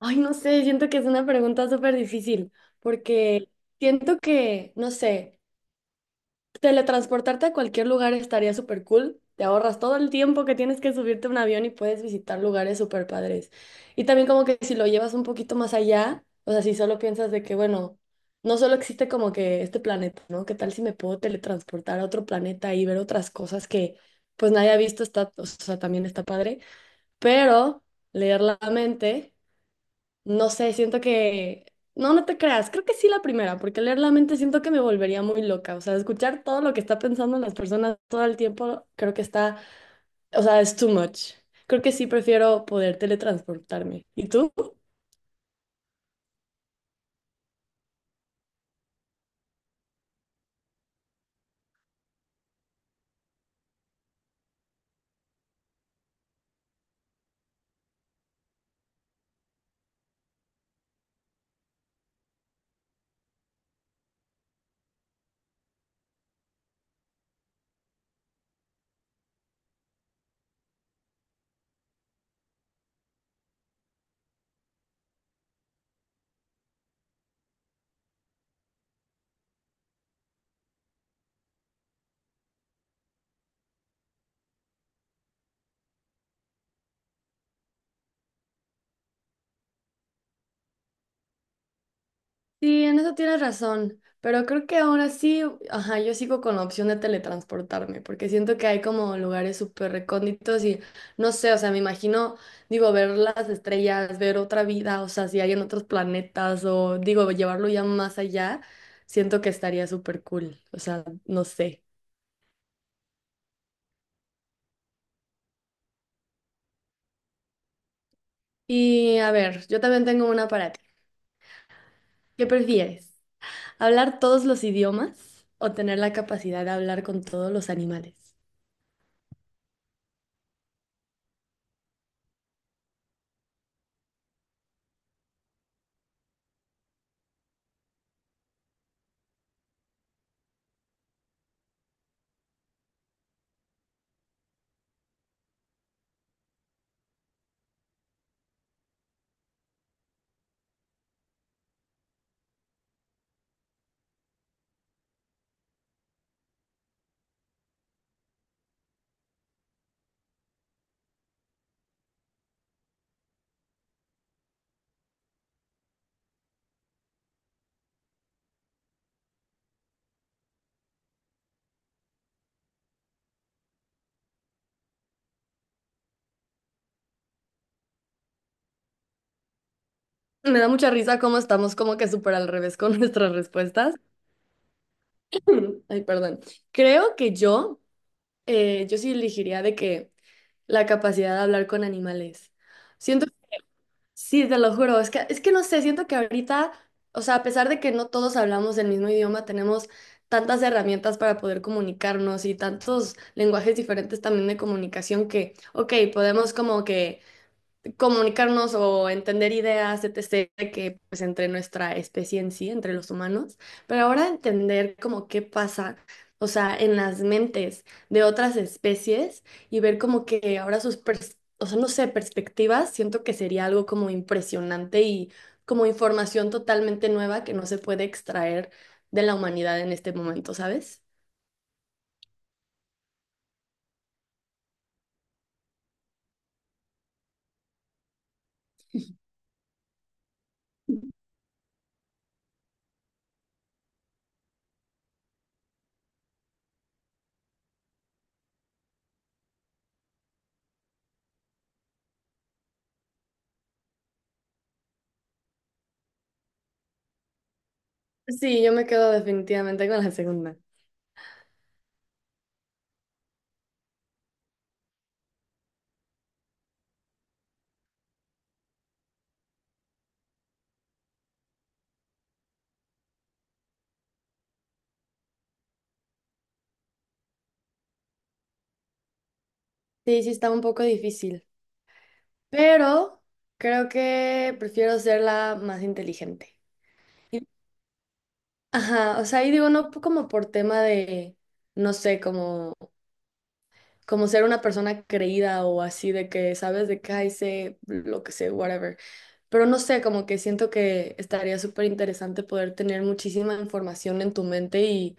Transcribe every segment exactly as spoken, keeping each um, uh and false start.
Ay, no sé, siento que es una pregunta súper difícil, porque siento que, no sé, teletransportarte a cualquier lugar estaría súper cool. Te ahorras todo el tiempo que tienes que subirte a un avión y puedes visitar lugares súper padres. Y también como que si lo llevas un poquito más allá, o sea, si solo piensas de que, bueno, no solo existe como que este planeta, ¿no? ¿Qué tal si me puedo teletransportar a otro planeta y ver otras cosas que pues nadie ha visto? Está, o sea, también está padre, pero leer la mente. No sé, siento que... No, no te creas, creo que sí la primera, porque leer la mente siento que me volvería muy loca. O sea, escuchar todo lo que está pensando las personas todo el tiempo, creo que está... O sea, es too much. Creo que sí prefiero poder teletransportarme. ¿Y tú? Sí, en eso tienes razón, pero creo que ahora sí, ajá, yo sigo con la opción de teletransportarme, porque siento que hay como lugares súper recónditos y no sé, o sea, me imagino, digo, ver las estrellas, ver otra vida, o sea, si hay en otros planetas o digo, llevarlo ya más allá, siento que estaría súper cool, o sea, no sé. Y a ver, yo también tengo una para ti. ¿Qué prefieres? ¿Hablar todos los idiomas o tener la capacidad de hablar con todos los animales? Me da mucha risa cómo estamos como que súper al revés con nuestras respuestas. Ay, perdón. Creo que yo, eh, yo sí elegiría de que la capacidad de hablar con animales. Siento, sí, te lo juro, es que, es que no sé, siento que ahorita, o sea, a pesar de que no todos hablamos el mismo idioma, tenemos tantas herramientas para poder comunicarnos y tantos lenguajes diferentes también de comunicación que, ok, podemos como que comunicarnos o entender ideas, etcétera, que pues entre nuestra especie en sí, entre los humanos, pero ahora entender como qué pasa, o sea, en las mentes de otras especies y ver como que ahora sus, pers- o sea, no sé, perspectivas, siento que sería algo como impresionante y como información totalmente nueva que no se puede extraer de la humanidad en este momento, ¿sabes? Sí, yo me quedo definitivamente con la segunda. Sí, sí, está un poco difícil, pero creo que prefiero ser la más inteligente. Y- Ajá, o sea, y digo, no p- como por tema de, no sé, como, como ser una persona creída o así de que sabes de que ay, sé lo que sé, whatever. Pero no sé, como que siento que estaría súper interesante poder tener muchísima información en tu mente y,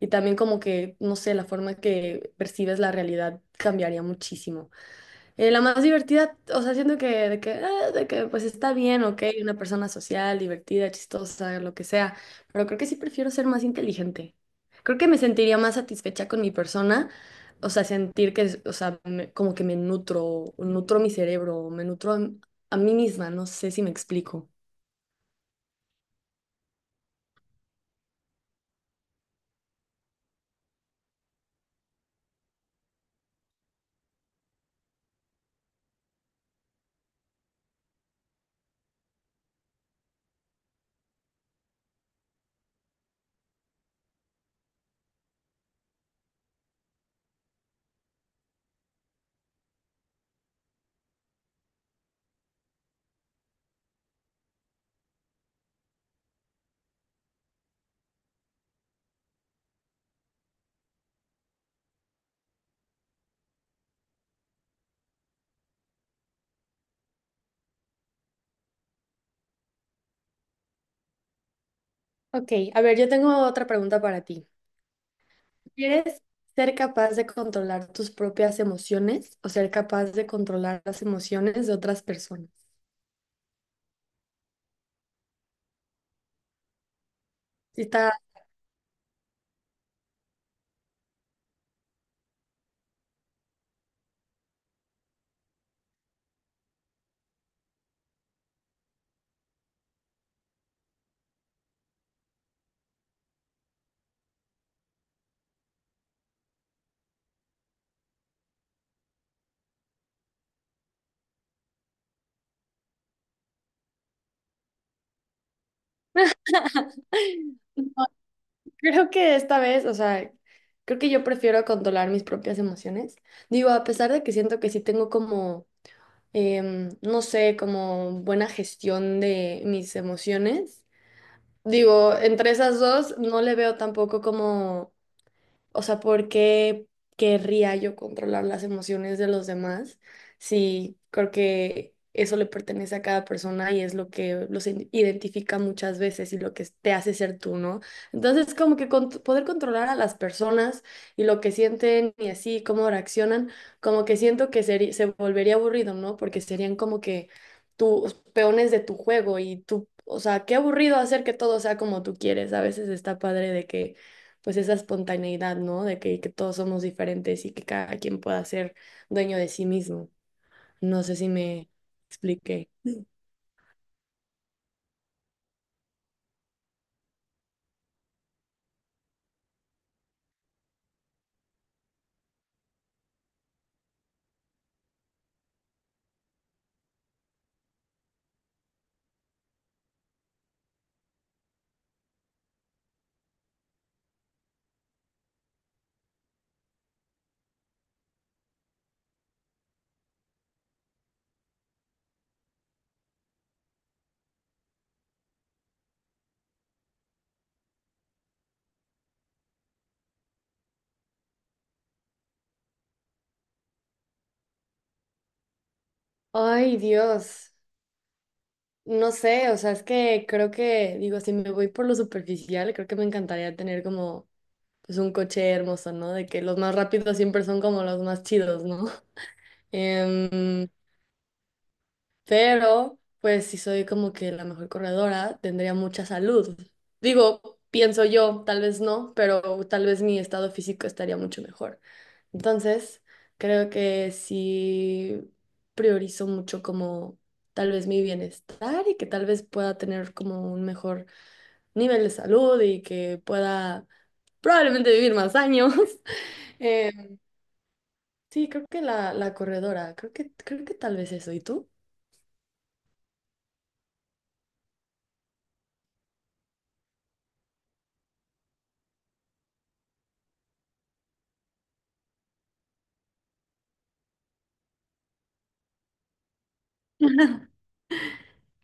y también como que, no sé, la forma que percibes la realidad cambiaría muchísimo. Eh, la más divertida, o sea, siento que, de que, ah, de que pues está bien, ok, una persona social, divertida, chistosa, lo que sea, pero creo que sí prefiero ser más inteligente. Creo que me sentiría más satisfecha con mi persona, o sea, sentir que, o sea, me- como que me nutro, nutro mi cerebro, me nutro a, a mí misma, no sé si me explico. Ok, a ver, yo tengo otra pregunta para ti. ¿Quieres ser capaz de controlar tus propias emociones o ser capaz de controlar las emociones de otras personas? Sí está. Creo que esta vez, o sea, creo que yo prefiero controlar mis propias emociones. Digo, a pesar de que siento que sí tengo como, em, no sé, como buena gestión de mis emociones. Digo, entre esas dos no le veo tampoco como, o sea, ¿por qué querría yo controlar las emociones de los demás? Sí, creo que eso le pertenece a cada persona y es lo que los in- identifica muchas veces y lo que te hace ser tú, ¿no? Entonces, como que cont- poder controlar a las personas y lo que sienten y así, cómo reaccionan, como que siento que seri- se volvería aburrido, ¿no? Porque serían como que tus peones de tu juego y tú, o sea, qué aburrido hacer que todo sea como tú quieres. A veces está padre de que pues esa espontaneidad, ¿no? De que, que todos somos diferentes y que cada quien pueda ser dueño de sí mismo. No sé si me expliqué. Ay, Dios. No sé, o sea, es que creo que, digo, si me voy por lo superficial, creo que me encantaría tener como, pues, un coche hermoso, ¿no? De que los más rápidos siempre son como los más chidos, ¿no? Em, Pero, pues, si soy como que la mejor corredora, tendría mucha salud. Digo, pienso yo, tal vez no, pero tal vez mi estado físico estaría mucho mejor. Entonces, creo que sí priorizo mucho como tal vez mi bienestar y que tal vez pueda tener como un mejor nivel de salud y que pueda probablemente vivir más años. Eh, sí, creo que la, la corredora, creo que, creo que tal vez eso. ¿Y tú?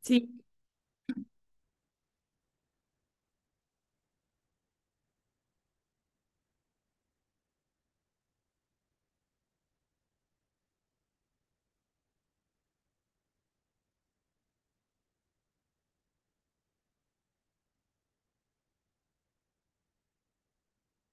Sí.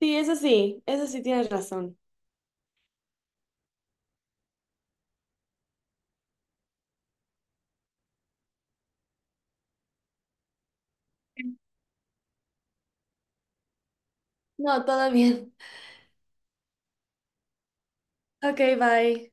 Sí, eso sí, eso sí tienes razón. No, todo bien. Ok, bye.